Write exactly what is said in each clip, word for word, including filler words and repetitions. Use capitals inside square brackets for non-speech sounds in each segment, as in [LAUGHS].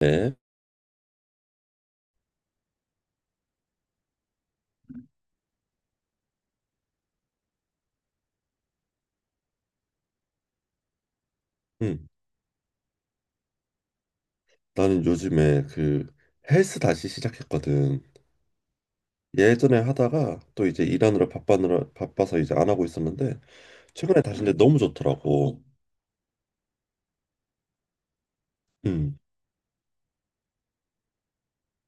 네. 음. 나는 요즘에 그 헬스 다시 시작했거든. 예전에 하다가 또 이제 일하느라 바빠느라 바빠서 이제 안 하고 있었는데 최근에 다시 근데 너무 좋더라고. 음.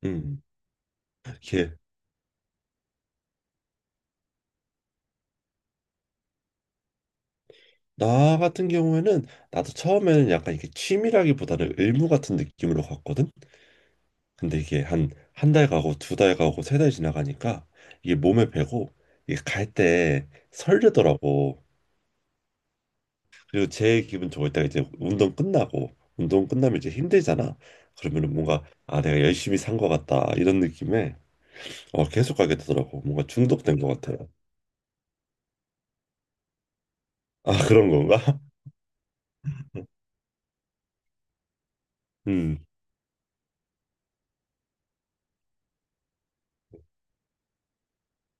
음. 이게 나 같은 경우에는 나도 처음에는 약간 이게 취미라기보다는 의무 같은 느낌으로 갔거든. 근데 이게 한 한 달 가고 두 달 가고 세 달 지나가니까 이게 몸에 배고 이게 갈 때 설레더라고. 그리고 제 기분 좋을 때가 이제 운동 끝나고 운동 끝나면 이제 힘들잖아. 그러면은 뭔가 아 내가 열심히 산 것 같다 이런 느낌에 어 계속 가게 되더라고. 뭔가 중독된 것 같아요. [LAUGHS] 아 그런 건가? [LAUGHS] 음.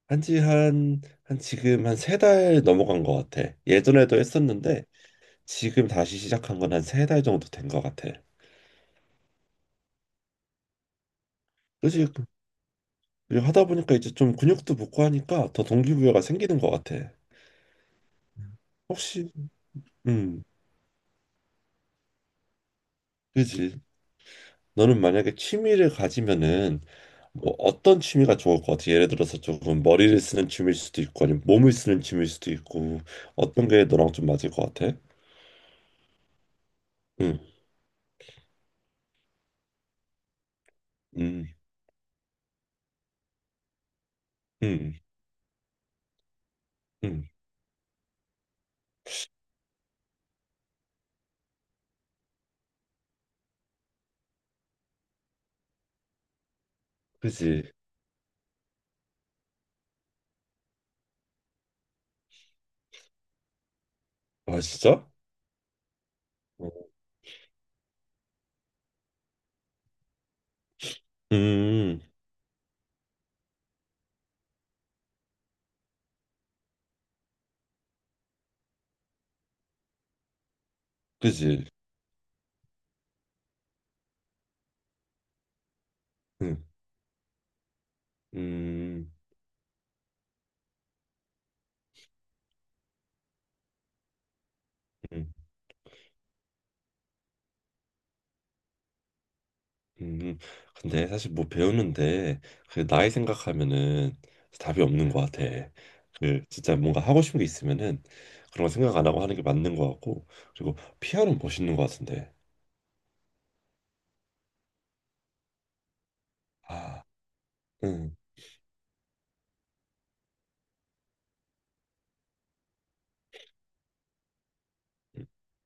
한지 한, 한 지금 한 세 달 넘어간 것 같아. 예전에도 했었는데 지금 다시 시작한 건 한 세 달 정도 된 것 같아. 그지? 그리고 하다 보니까 이제 좀 근육도 붙고 하니까 더 동기부여가 생기는 것 같아. 혹시, 음, 그지? 너는 만약에 취미를 가지면은 뭐 어떤 취미가 좋을 것 같아? 예를 들어서 조금 머리를 쓰는 취미일 수도 있고 아니면 몸을 쓰는 취미일 수도 있고 어떤 게 너랑 좀 맞을 것 같아? 응, 응. 응. 응. 그지? 아 진짜? 어. 음, 그지? 응, 음, 음, 음. 음. 근데 사실 뭐 배우는데 그 나이 생각하면은 답이 없는 것 같아. 그 진짜 뭔가 하고 싶은 게 있으면은 그런 거 생각 안 하고 하는 게 맞는 것 같고 그리고 피아노 멋있는 것 같은데. 아. 응.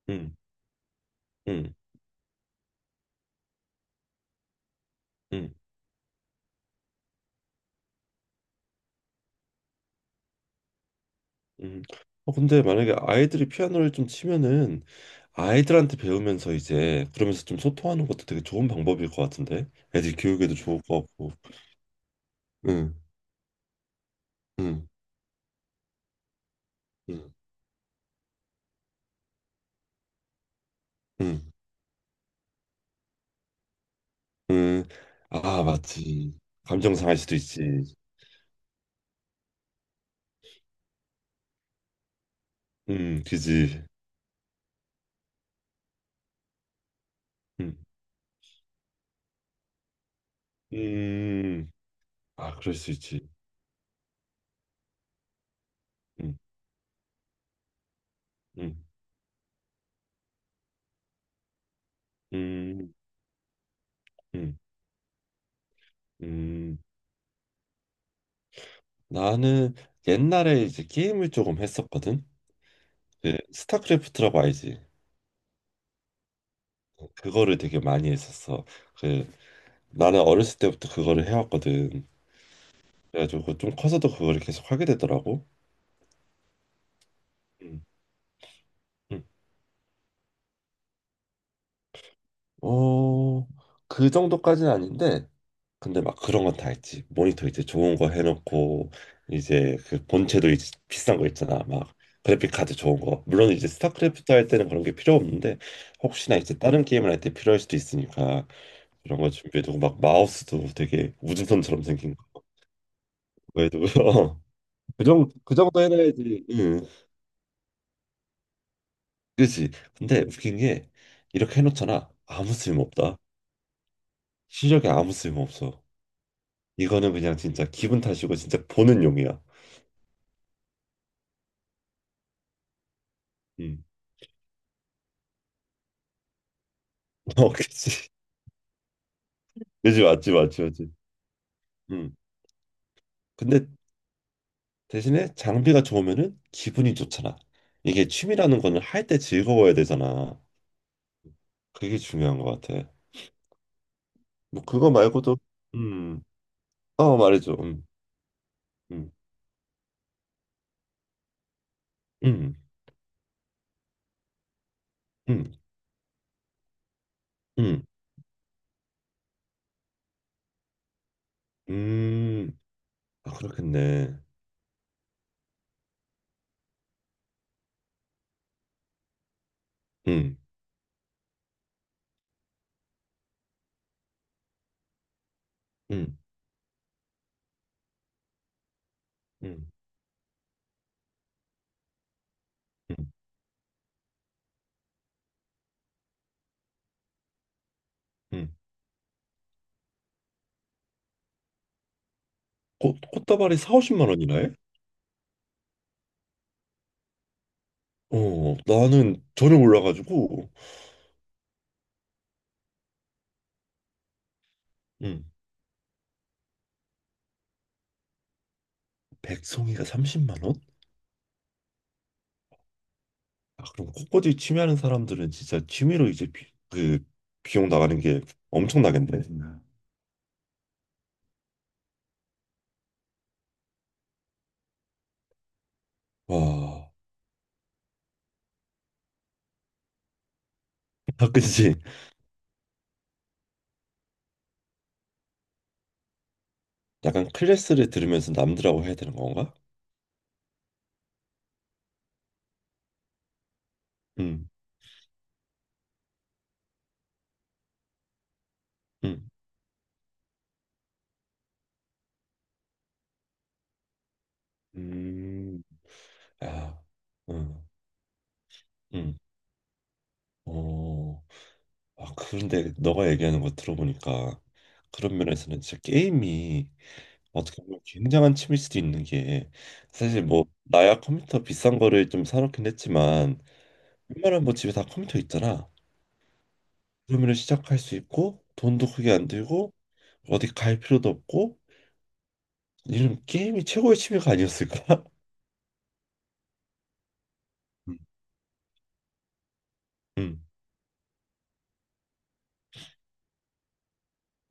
음, 음, 음, 음. 어, 근데 만약에 아이들이 피아노를 좀 치면은 아이들한테 배우면서 이제 그러면서 좀 소통하는 것도 되게 좋은 방법일 것 같은데 애들 교육에도 좋을 것 같고. 응, 응, 응, 응, 응. 아, 맞지. 감정 상할 수도 있지. 음, 그지. 음, 음. 아, 그럴 수 있지. 음, 음, 음, 음, 음. 나는 옛날에 이제 게임을 조금 했었거든. 그 스타크래프트라고 알지? 그거를 되게 많이 했었어. 그 나는 어렸을 때부터 그거를 해왔거든. 그래가지고 그 좀 커서도 그거를 계속 하게 되더라고. 음. 음. 어, 그 정도까지는 아닌데, 근데 막 그런 건 다 했지. 모니터 이제 좋은 거 해놓고 이제 그 본체도 이제 비싼 거 있잖아. 막 그래픽 카드 좋은 거. 물론 이제 스타크래프트 할 때는 그런 게 필요 없는데 혹시나 이제 다른 게임을 할 때 필요할 수도 있으니까 그런 거 준비해두고 막 마우스도 되게 우주선처럼 생긴 그도 [LAUGHS] 그 정도, 그 정도 해놔야지. 응, 그치. 근데 웃긴 게 이렇게 해놓잖아. 아무 쓸모없다. 실력이 아무 쓸모없어. 이거는 그냥 진짜 기분 탓이고 진짜 보는 용이야. 응. [LAUGHS] 어, 그치. 그치, 맞지, 맞지, 맞지. 응. 근데 대신에 장비가 좋으면은 기분이 좋잖아. 이게 취미라는 거는 할 때 즐거워야 되잖아. 그게 중요한 것 같아. 뭐 그거 말고도 음, 어, 말해줘. 음, 음, 음, 음, 음, 음. 아, 그렇겠네. 응, 응, 응, 응, 응. 꽃, 꽃다발이 사, 오십만 원이나 해? 어, 나는 전혀 몰라가지고. 응, 백송이가 삼십만 원? 아, 그럼 꽃꽂이 취미하는 사람들은 진짜 취미로 이제 비, 그 비용 나가는 게 엄청나겠네. 와, 아, 그치. 약간 클래스를 들으면서 남들하고 해야 되는 건가? 응, 응, 음, 아, 응, 응, 어. 아, 그런데 너가 얘기하는 거 들어보니까 그런 면에서는 진짜 게임이 어떻게 보면 굉장한 취미일 수도 있는 게 사실 뭐 나야 컴퓨터 비싼 거를 좀 사놓긴 했지만 웬만한 뭐 집에 다 컴퓨터 있잖아. 그러면 시작할 수 있고 돈도 크게 안 들고 어디 갈 필요도 없고 이런 게임이 최고의 취미가 아니었을까? 음, [LAUGHS] 음,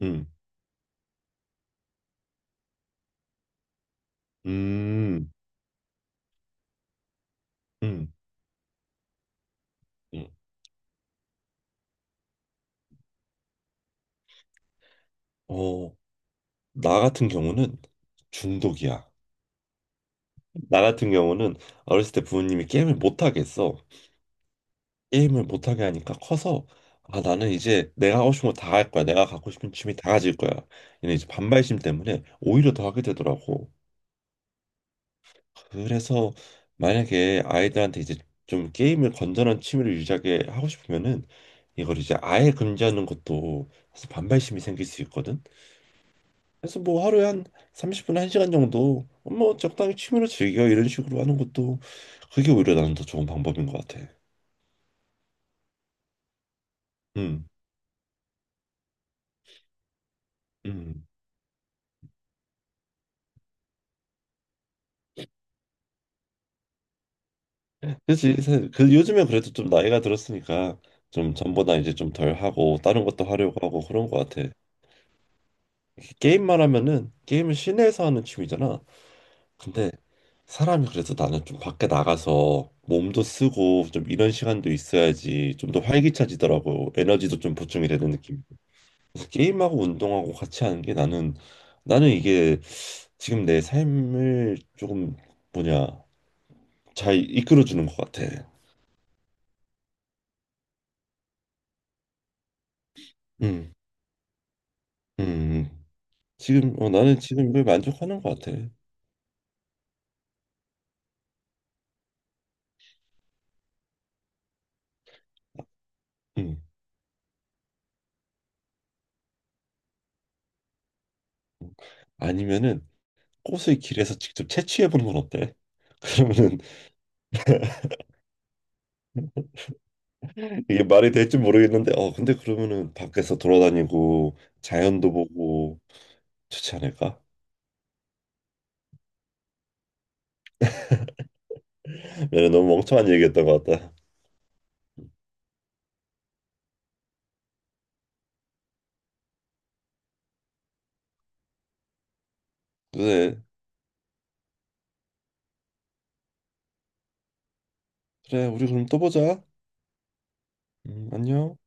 음, 음, 음. 음. 어, 나 같은 경우는 중독이야. 나 같은 경우는 어렸을 때 부모님이 게임을 못하게 했어. 게임을 못하게 하니까 커서 아 나는 이제 내가 하고 싶은 거 다 할 거야. 내가 갖고 싶은 취미 다 가질 거야. 이런 이제 반발심 때문에 오히려 더 하게 되더라고. 그래서 만약에 아이들한테 이제 좀 게임을 건전한 취미를 유지하게 하고 싶으면은 이걸 이제 아예 금지하는 것도 사실 반발심이 생길 수 있거든. 그래서 뭐 하루에 한 삼십 분, 한 시간 정도 뭐 적당히 취미로 즐겨 이런 식으로 하는 것도 그게 오히려 나는 더 좋은 방법인 것 같아. 음, 음. 그치. 지그 요즘에 그래도 좀 나이가 들었으니까 좀 전보다 이제 좀 덜 하고 다른 것도 하려고 하고 그런 것 같아. 이렇게 게임만 하면은 게임은 실내에서 하는 취미잖아. 근데 사람이 그래서 나는 좀 밖에 나가서 몸도 쓰고 좀 이런 시간도 있어야지 좀 더 활기차지더라고. 에너지도 좀 보충이 되는 느낌. 그래서 게임하고 운동하고 같이 하는 게 나는 나는 이게 지금 내 삶을 조금 뭐냐 잘 이끌어주는 것 같아. 음, 지금 어, 나는 지금 이걸 만족하는 것 같아. 음. 아니면은 꽃을 길에서 직접 채취해 보는 건 어때? [LAUGHS] 그러면은 이게 말이 될지 모르겠는데, 어, 근데 그러면은 밖에서 돌아다니고 자연도 보고 좋지 않을까? [LAUGHS] 얘는 너무 멍청한 얘기했던 것 같다. 그래, 그래, 우리 그럼 또 보자. 음, 안녕.